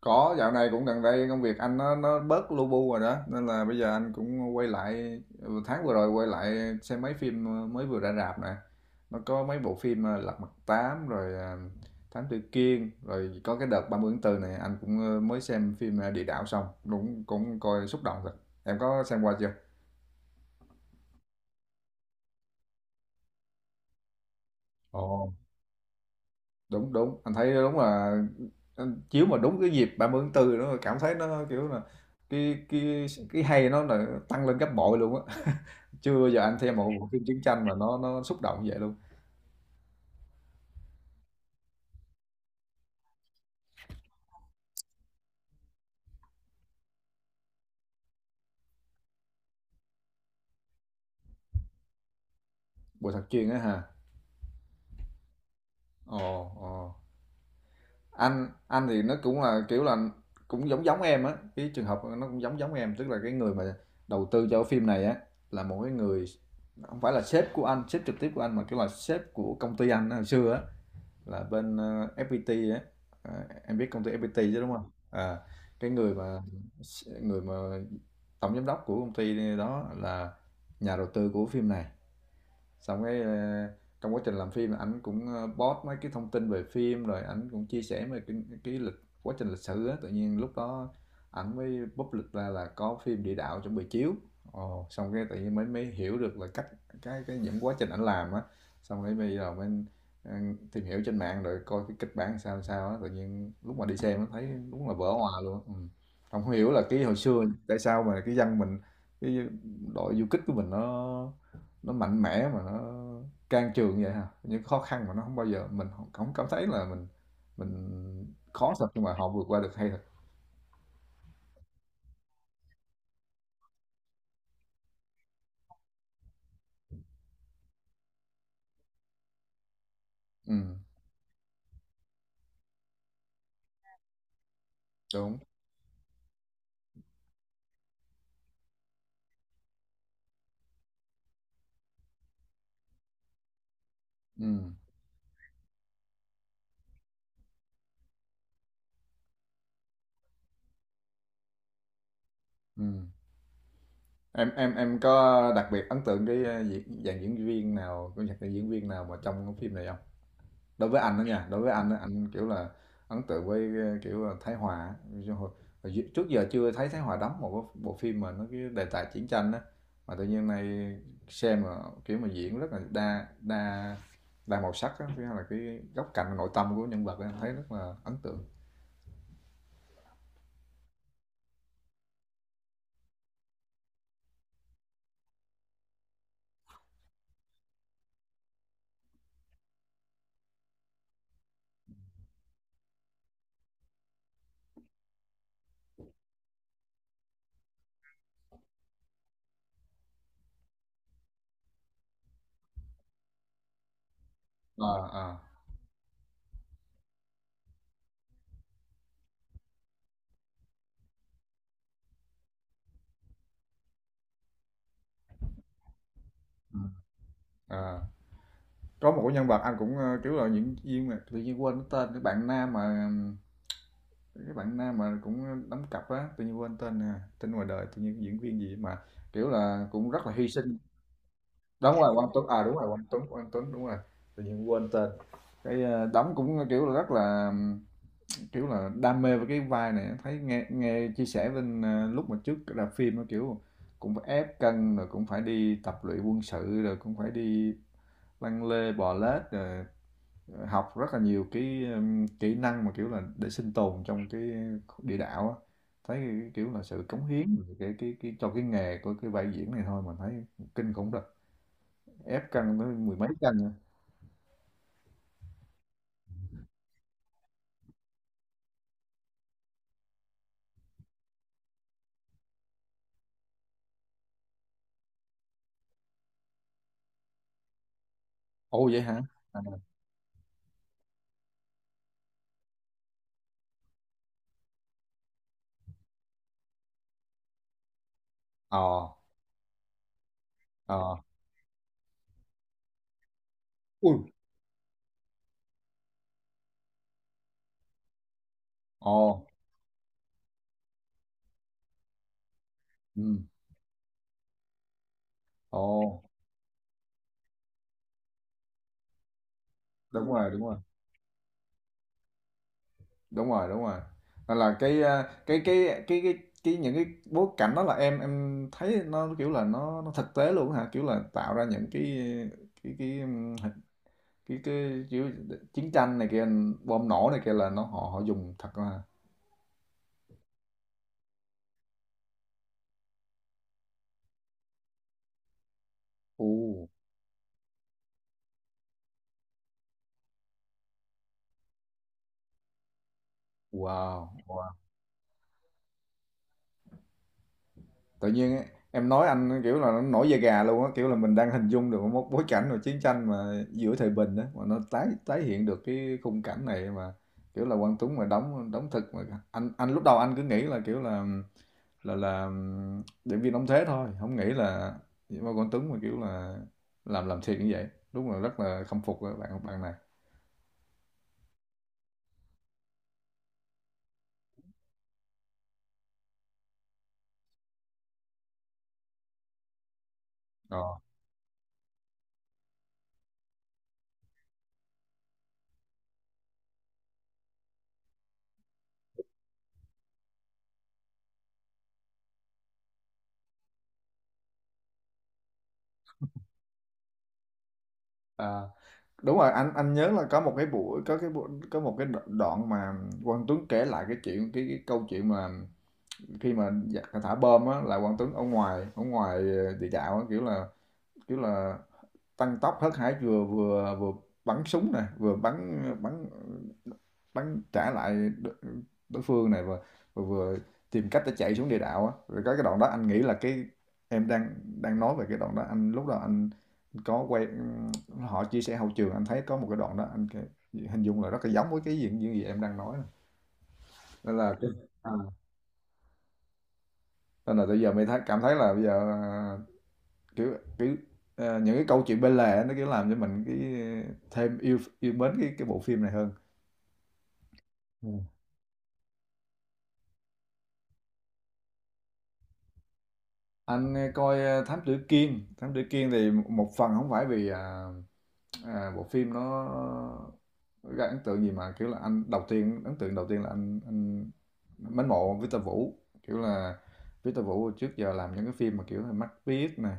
Có, dạo này cũng gần đây công việc anh nó bớt lu bu rồi đó, nên là bây giờ anh cũng quay lại tháng vừa rồi quay lại xem mấy phim mới vừa ra rạp nè. Nó có mấy bộ phim à, Lật Mặt Tám rồi à, Thám Tử Kiên, rồi có cái đợt 30 tháng 4 này anh cũng mới xem phim à, Địa Đạo xong, đúng cũng coi xúc động thật. Em có xem qua chưa? Ồ, đúng đúng, anh thấy đúng là anh chiếu mà đúng cái dịp 30 tháng 4 nữa cảm thấy nó kiểu là cái cái cái hay nó là tăng lên gấp bội luôn á. Chưa bao giờ anh xem một bộ phim chiến tranh mà nó xúc động như vậy luôn. Bộ thật chuyên á hả? Ồ, ồ. Anh thì nó cũng là kiểu là cũng giống giống em á, cái trường hợp nó cũng giống giống em, tức là cái người mà đầu tư cho cái phim này á là một cái người không phải là sếp của anh, sếp trực tiếp của anh mà kiểu là sếp của công ty anh á, hồi xưa á là bên FPT á. Ờ, em biết công ty FPT chứ đúng không? À, cái người mà tổng giám đốc của công ty đó là nhà đầu tư của phim này, xong cái trong quá trình làm phim ảnh cũng post mấy cái thông tin về phim, rồi ảnh cũng chia sẻ về cái lịch quá trình lịch sử á, tự nhiên lúc đó ảnh mới public ra là có phim địa đạo chuẩn bị chiếu. Ồ, xong cái tự nhiên mới mới hiểu được là cách cái những quá trình ảnh làm á, xong cái bây giờ mới ờ, tìm hiểu trên mạng rồi coi cái kịch bản sao sao á, tự nhiên lúc mà đi xem nó thấy đúng là vỡ hòa luôn ừ. Không hiểu là cái hồi xưa tại sao mà cái dân mình, cái đội du kích của mình nó mạnh mẽ mà nó can trường vậy ha. Những khó khăn mà nó không bao giờ mình không hổng cảm thấy là mình khó thật nhưng mà họ vượt qua được hay thật. Ừm. Đúng. Ừm. Ừm. Em có đặc biệt ấn tượng cái, a, diễn dàn diễn viên nào, của dàn diễn viên nào mà trong cái phim này không? Đối với anh đó nha, đối với anh á, anh kiểu là ấn tượng với kiểu là Thái Hòa á. Chứ trước giờ chưa thấy Thái Hòa đóng một cái bộ phim mà nó cái đề tài chiến tranh đó, mà tự nhiên này xem mà kiểu mà diễn rất là đa đa đa màu sắc á, cái là cái góc cạnh nội tâm của nhân vật á, em thấy rất là ấn tượng. À. À. Ừ. À. Có một cái nhân vật anh cũng kiểu là diễn viên mà tự nhiên quên cái tên, cái bạn nam mà cũng đóng cặp á, tự nhiên quên tên nè, tên ngoài đời tự nhiên diễn viên gì mà kiểu là cũng rất là hy sinh. Đúng rồi, Quang Tuấn à, đúng rồi, Quang Tuấn, Quang Tuấn, đúng rồi. Tự nhiên quên tên cái đóng cũng kiểu là rất là kiểu là đam mê với cái vai này, thấy nghe nghe chia sẻ bên lúc mà trước ra phim á, kiểu cũng phải ép cân, rồi cũng phải đi tập luyện quân sự, rồi cũng phải đi lăn lê bò lết, rồi học rất là nhiều cái, kỹ năng mà, kiểu là, để sinh tồn trong cái địa đạo á. Thấy, cái, kiểu là, sự cống hiến cái cho cái nghề của cái vai diễn này thôi, mình thấy kinh khủng thật. Ép cân tới mười mấy cân rồi. Ồ vậy hả? À. Ờ. Ờ. Ui. Ồ. Ừm. Ồ. Đúng rồi, đúng rồi. Đúng rồi, đúng rồi. Nên là cái à, cái những cái bối cảnh đó là em thấy nó kiểu là nó thực tế luôn hả? Kiểu là tạo ra những cái cái cái kiểu chiến tranh này kia, bom nổ này kia là nó họ họ dùng thật là. uh, wow, wow. Tự nhiên ấy, em nói anh kiểu là nó nổi da gà luôn á, kiểu là mình đang hình dung được một bối cảnh rồi chiến tranh mà giữa thời bình á mà nó tái tái hiện được cái khung cảnh này mà kiểu là Quang Tuấn mà đóng đóng thực mà anh lúc đầu anh cứ nghĩ là kiểu là là diễn viên đóng thế thôi, không nghĩ là mà Quang Tuấn mà kiểu là làm thiệt như vậy. Đúng là rất là khâm phục các bạn bạn này. Rồi. Đúng rồi, anh nhớ là có một cái buổi, có một cái đoạn mà Quang Tuấn kể lại cái câu chuyện mà khi mà giặc thả bom á là Quang Tuấn ở ngoài địa đạo á, kiểu là tăng tốc hớt hải, vừa vừa vừa bắn súng, này vừa bắn ờ, bắn bắn trả lại đo- đối phương, này vừa vừa, vừa tìm cách để chạy xuống địa đạo á. Rồi có cái đoạn đó anh nghĩ là cái em đang đang nói về cái đoạn đó, anh lúc đó anh có quay họ chia sẻ hậu trường, anh thấy có một cái đoạn đó hình dung là rất là giống với cái gì những gì em đang nói. Nên là cái à, nên là bây giờ mình thấy cảm thấy là bây giờ à, kiểu kiểu à, những cái câu chuyện bên lề nó kiểu làm cho mình cái thêm yêu yêu mến cái bộ phim này hơn. Anh coi Thám Tử Kiên, Thám Tử Kiên thì một một phần không phải vì à, à, bộ phim nó gây ấn tượng gì mà kiểu là anh đầu tiên ấn tượng đầu tiên là anh mến mộ Victor Vũ, kiểu là Victor Vũ trước giờ làm những cái phim mà kiểu là Mắt Biếc nè,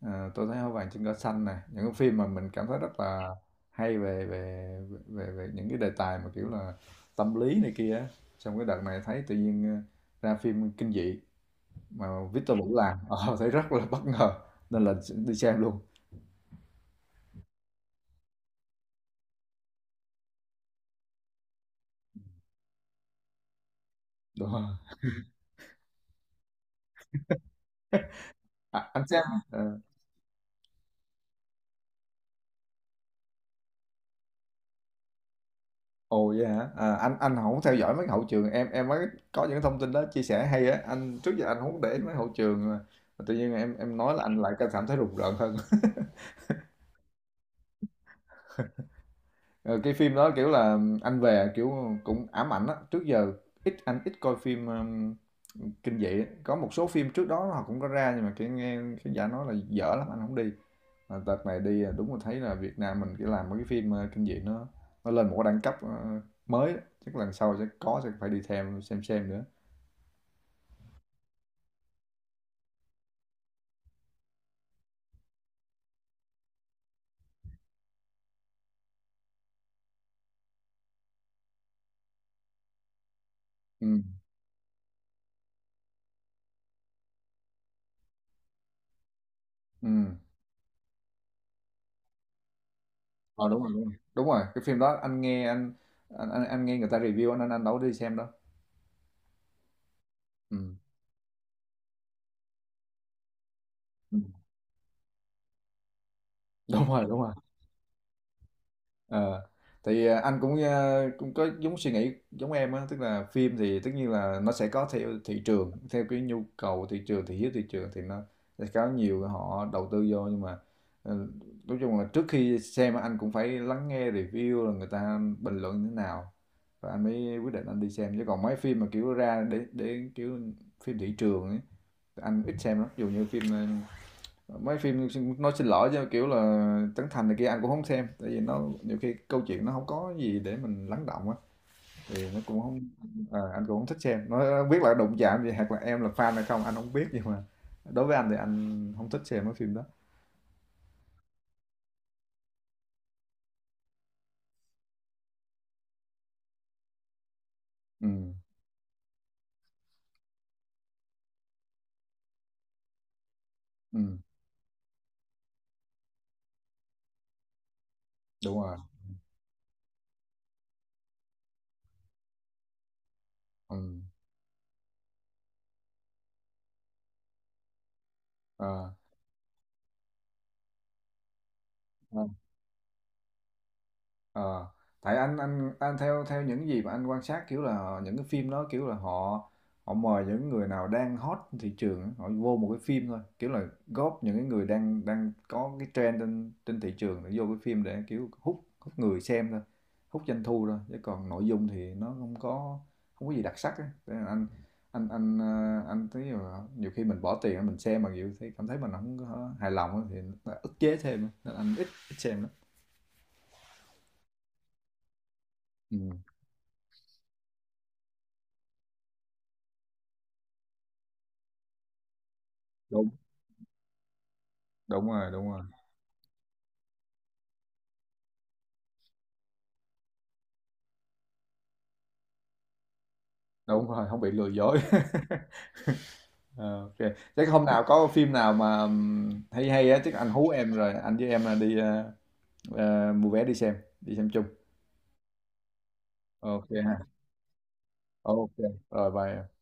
à, Tôi thấy hoa vàng trên cỏ xanh nè, những cái phim mà mình cảm thấy rất là hay về về về về những cái đề tài mà kiểu là tâm lý này kia á. Xong cái đợt này thấy tự nhiên ra phim kinh dị mà Victor Vũ làm, thấy rất là bất ngờ nên là đi xem luôn. Đúng rồi. À, anh xem ờ, ồ, vậy hả? À, anh hổng theo dõi mấy hậu trường, em mới có những thông tin đó chia sẻ hay á, anh trước giờ anh hổng để ý mấy hậu trường mà tự nhiên em nói là anh lại cảm thấy rùng rợn hơn. Ờ, cái phim đó kiểu là anh về kiểu cũng ám ảnh á, trước giờ anh ít coi phim kinh dị á. Có một số phim trước đó họ cũng có ra nhưng mà cái nghe cái giả nói là dở lắm anh không đi, mà đợt này đi là đúng là thấy là Việt Nam mình cái làm mấy cái phim kinh dị nó lên một cái đẳng cấp mới á. Chắc lần sau sẽ phải đi theo xem nữa. Ừ, ừ. Ờ, đúng rồi đúng rồi đúng rồi cái phim đó anh nghe anh nghe người ta review, anh đâu có đi xem đâu. Ừ. Ừ. Đúng rồi, đúng rồi. Ờ, thì à, anh cũng à, cũng có giống suy nghĩ giống em á, tức là phim thì tất nhiên là nó sẽ có theo thị trường, theo cái nhu cầu thị trường, thị hiếu thị trường, thì nó sẽ có nhiều họ đầu tư vô nhưng mà ừ, nói chung là trước khi xem á, anh cũng phải lắng nghe review là người ta bình luận như thế nào và anh mới quyết định anh đi xem, chứ còn mấy phim mà kiểu ra để kiểu phim thị trường ấy, anh ít xem lắm, dù như phim mấy phim, nói xin lỗi chứ kiểu là Trấn Thành này kia anh cũng không xem tại vì nó nhiều khi câu chuyện nó không có gì để mình lắng động á, thì nó cũng không à, anh cũng không thích xem, nó không biết là đụng chạm gì hoặc là em là fan hay không anh không biết, nhưng mà đối với anh thì anh không thích xem mấy phim đó. Ừ. Ừ. Đúng rồi. Ừ. À. Ờ, tại anh theo theo những gì mà anh quan sát kiểu là những cái phim đó kiểu là họ họ mời những người nào đang hot trên thị trường á, họ vô một cái phim thôi kiểu là góp những cái người đang đang có cái trend trên trên thị trường để vô cái phim để kiểu hút hút người xem thôi, hút doanh thu thôi, chứ còn nội dung thì nó không có gì đặc sắc á. Thế là anh anh thấy là nhiều khi mình bỏ tiền mình xem mà nhiều thấy cảm thấy mình không có hài lòng á thì nó ức chế thêm á. Nên anh ít ít xem lắm. Ừ, đúng đúng rồi đúng rồi đúng rồi không bị lừa dối. Ờ, ok, chắc hôm nào có phim nào mà hay hay á chắc anh hú em rồi anh với em đi mua vé đi xem chung. Ok ha. Ok rồi bye.